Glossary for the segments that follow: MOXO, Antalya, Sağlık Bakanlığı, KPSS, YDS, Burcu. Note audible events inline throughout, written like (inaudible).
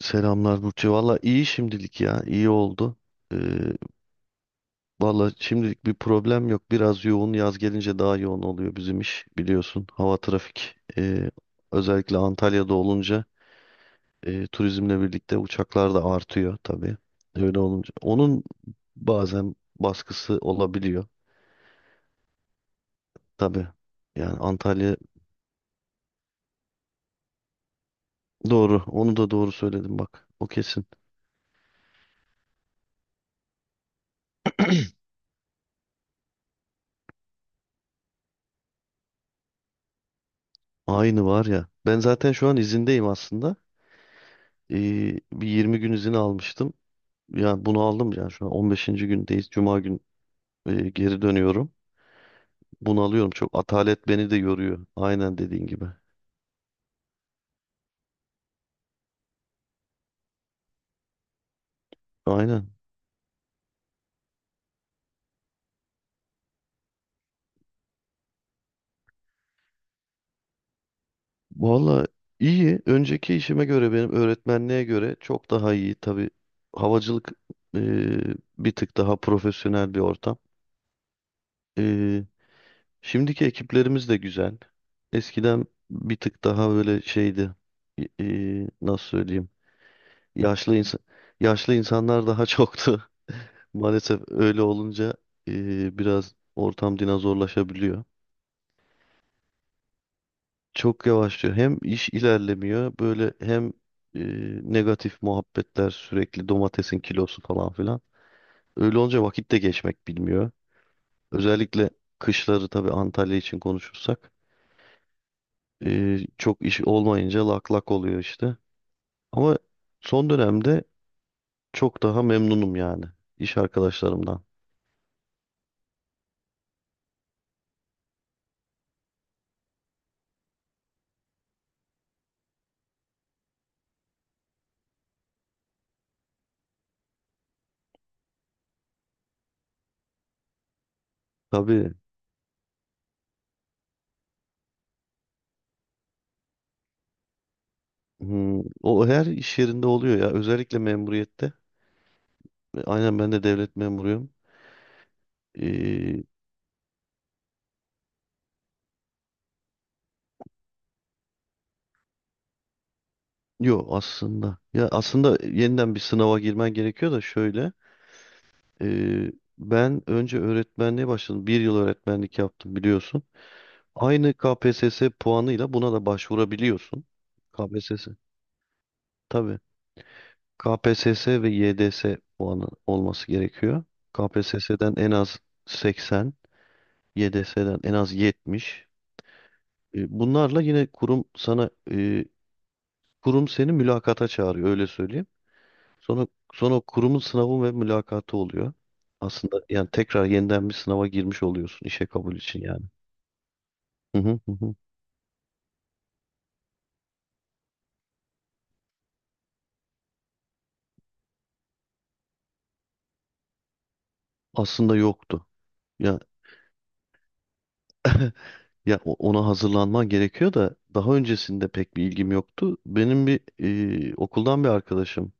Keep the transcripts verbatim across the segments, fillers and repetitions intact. Selamlar Burcu. Valla iyi şimdilik ya. İyi oldu. Ee, valla şimdilik bir problem yok. Biraz yoğun. Yaz gelince daha yoğun oluyor bizim iş. Biliyorsun hava trafik. ee, özellikle Antalya'da olunca ee, turizmle birlikte uçaklar da artıyor tabii. Öyle olunca. Onun bazen baskısı olabiliyor. Tabii. Yani Antalya doğru. Onu da doğru söyledim bak. O kesin. Aynı var ya. Ben zaten şu an izindeyim aslında. Ee, bir yirmi gün izin almıştım. Yani bunu aldım yani şu an on beşinci gündeyiz. Cuma gün e, geri dönüyorum. Bunu alıyorum. Çok atalet beni de yoruyor. Aynen dediğin gibi. Aynen. Valla iyi. Önceki işime göre benim öğretmenliğe göre çok daha iyi. Tabii havacılık e, bir tık daha profesyonel bir ortam. E, şimdiki ekiplerimiz de güzel. Eskiden bir tık daha böyle şeydi. E, e, nasıl söyleyeyim? Yaşlı insan yaşlı insanlar daha (laughs) çoktu. Maalesef öyle olunca e, biraz ortam dinozorlaşabiliyor. Çok yavaşlıyor. Hem iş ilerlemiyor böyle hem e, negatif muhabbetler sürekli domatesin kilosu falan filan. Öyle olunca vakit de geçmek bilmiyor. Özellikle kışları tabii Antalya için konuşursak e, çok iş olmayınca lak lak oluyor işte. Ama son dönemde çok daha memnunum yani iş arkadaşlarımdan. Tabii hmm, o her iş yerinde oluyor ya özellikle memuriyette. E, Aynen ben de devlet memuruyum. Ee, yo aslında. Ya aslında yeniden bir sınava girmen gerekiyor da şöyle. ee, ben önce öğretmenliğe başladım. Bir yıl öğretmenlik yaptım biliyorsun. Aynı K P S S puanıyla buna da başvurabiliyorsun. K P S S. Tabii. K P S S ve Y D S puanı olması gerekiyor. K P S S'den en az seksen, Y D S'den en az yetmiş. Ee, Bunlarla yine kurum sana ee, kurum seni mülakata çağırıyor öyle söyleyeyim. Sonra, sonra o kurumun sınavı ve mülakatı oluyor. Aslında yani tekrar yeniden bir sınava girmiş oluyorsun işe kabul için yani. Hı hı hı. Hı. Aslında yoktu. Ya ya o- ona hazırlanman gerekiyor da daha öncesinde pek bir ilgim yoktu. Benim bir e, okuldan bir arkadaşım,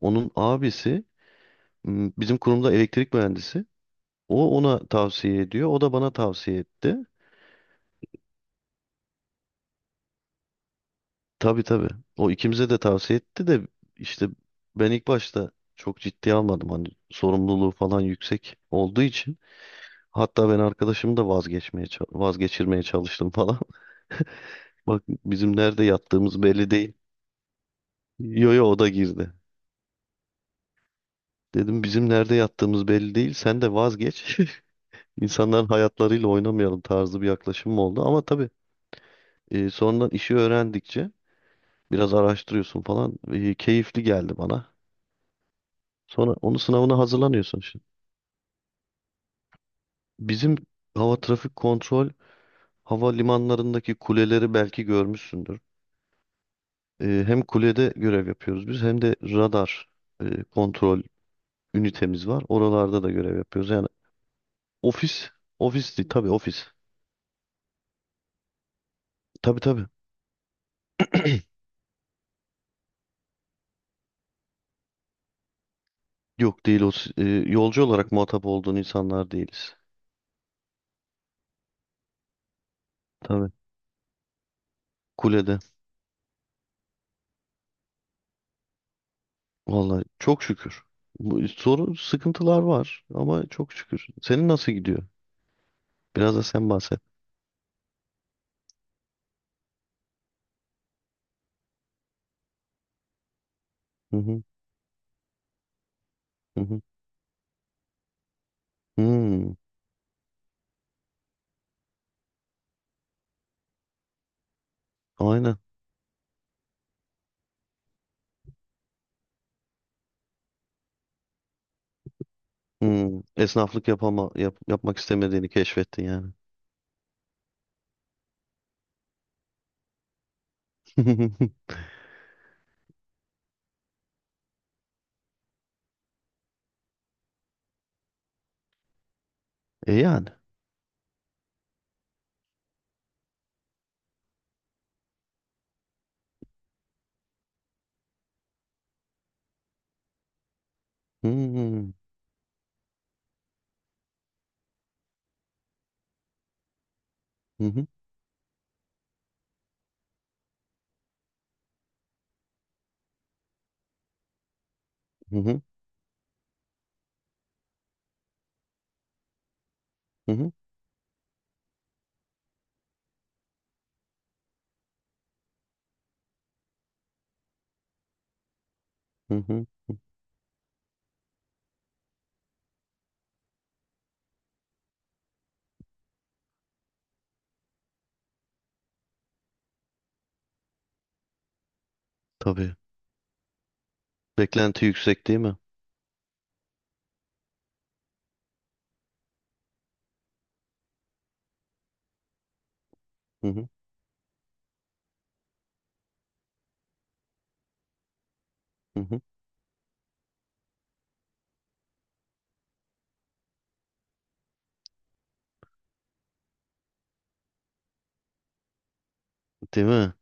onun abisi m, bizim kurumda elektrik mühendisi. O ona tavsiye ediyor, o da bana tavsiye etti. Tabii tabii. O ikimize de tavsiye etti de işte ben ilk başta çok ciddiye almadım. Hani sorumluluğu falan yüksek olduğu için. Hatta ben arkadaşımı da vazgeçmeye ça- vazgeçirmeye çalıştım falan. (laughs) Bizim nerede yattığımız belli değil. Yo yo o da girdi. Dedim bizim nerede yattığımız belli değil. Sen de vazgeç. (laughs) İnsanların hayatlarıyla oynamayalım tarzı bir yaklaşımım oldu. Ama tabii e, sonradan işi öğrendikçe biraz araştırıyorsun falan. E, keyifli geldi bana. Sonra onun sınavına hazırlanıyorsun işte. Bizim hava trafik kontrol havalimanlarındaki kuleleri belki görmüşsündür. Ee, hem kulede görev yapıyoruz biz hem de radar e, kontrol ünitemiz var. Oralarda da görev yapıyoruz. Yani ofis, ofis değil tabii ofis. Tabii tabii. Yok değil o s- e, yolcu olarak muhatap olduğun insanlar değiliz. Tabii kulede. Vallahi çok şükür. Bu sorun sıkıntılar var ama çok şükür. Senin nasıl gidiyor? Biraz da sen bahset. Hı hı hı hı. Hmm, aynen. Hmm, esnaflık yapama, yap- yapmak istemediğini keşfettin yani. (laughs) E yani. Hmm, hı hı, hı hı, hı hı, hı hı. Tabii. Beklenti yüksek değil mi? Hı hı, hı hı. Değil mi?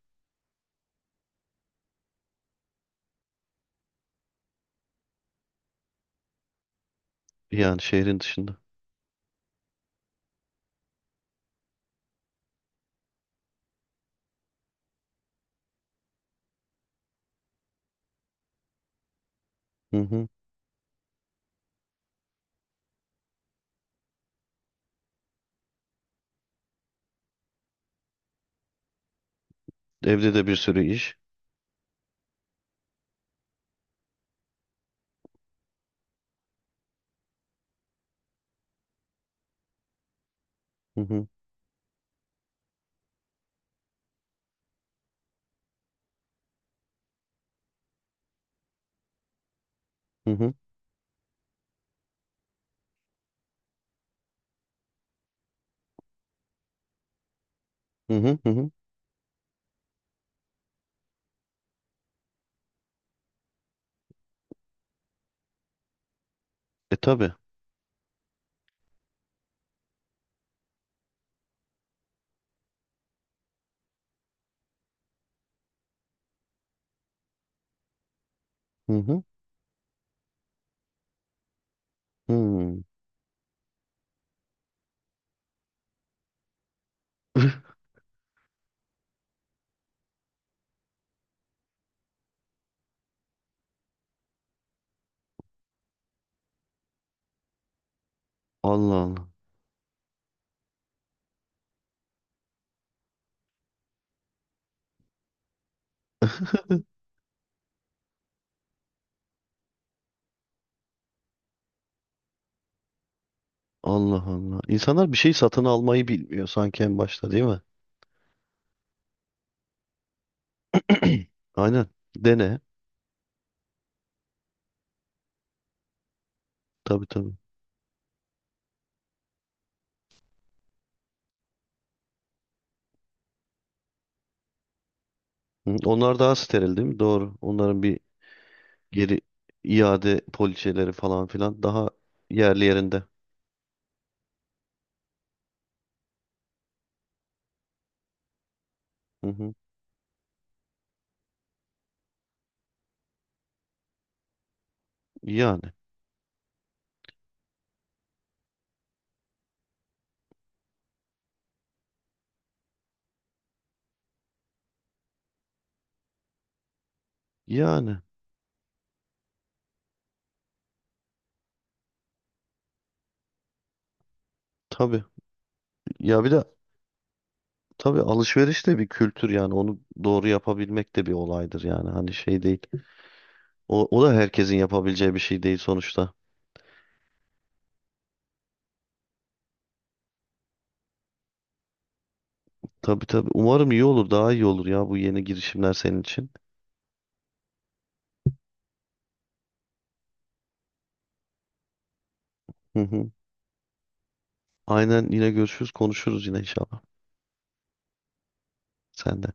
Yani şehrin dışında. Hı hı. Evde de bir sürü iş. Hı hı, hı hı, hı hı, hı hı. E tabii. Hı hı, hmm. (laughs) Allah Allah. Allah Allah. İnsanlar bir şey satın almayı bilmiyor sanki en başta değil mi? (clears throat) Aynen. Dene. Tabii tabii. Hı. Onlar daha steril değil mi? Doğru. Onların bir geri iade poliçeleri falan filan daha yerli yerinde. Hı hı. Yani yani tabii ya bir de tabii alışveriş de bir kültür yani onu doğru yapabilmek de bir olaydır yani hani şey değil. O, o da herkesin yapabileceği bir şey değil sonuçta. Tabii tabii umarım iyi olur daha iyi olur ya bu yeni girişimler senin için. Hı hı. Aynen yine görüşürüz konuşuruz yine inşallah. Sen de.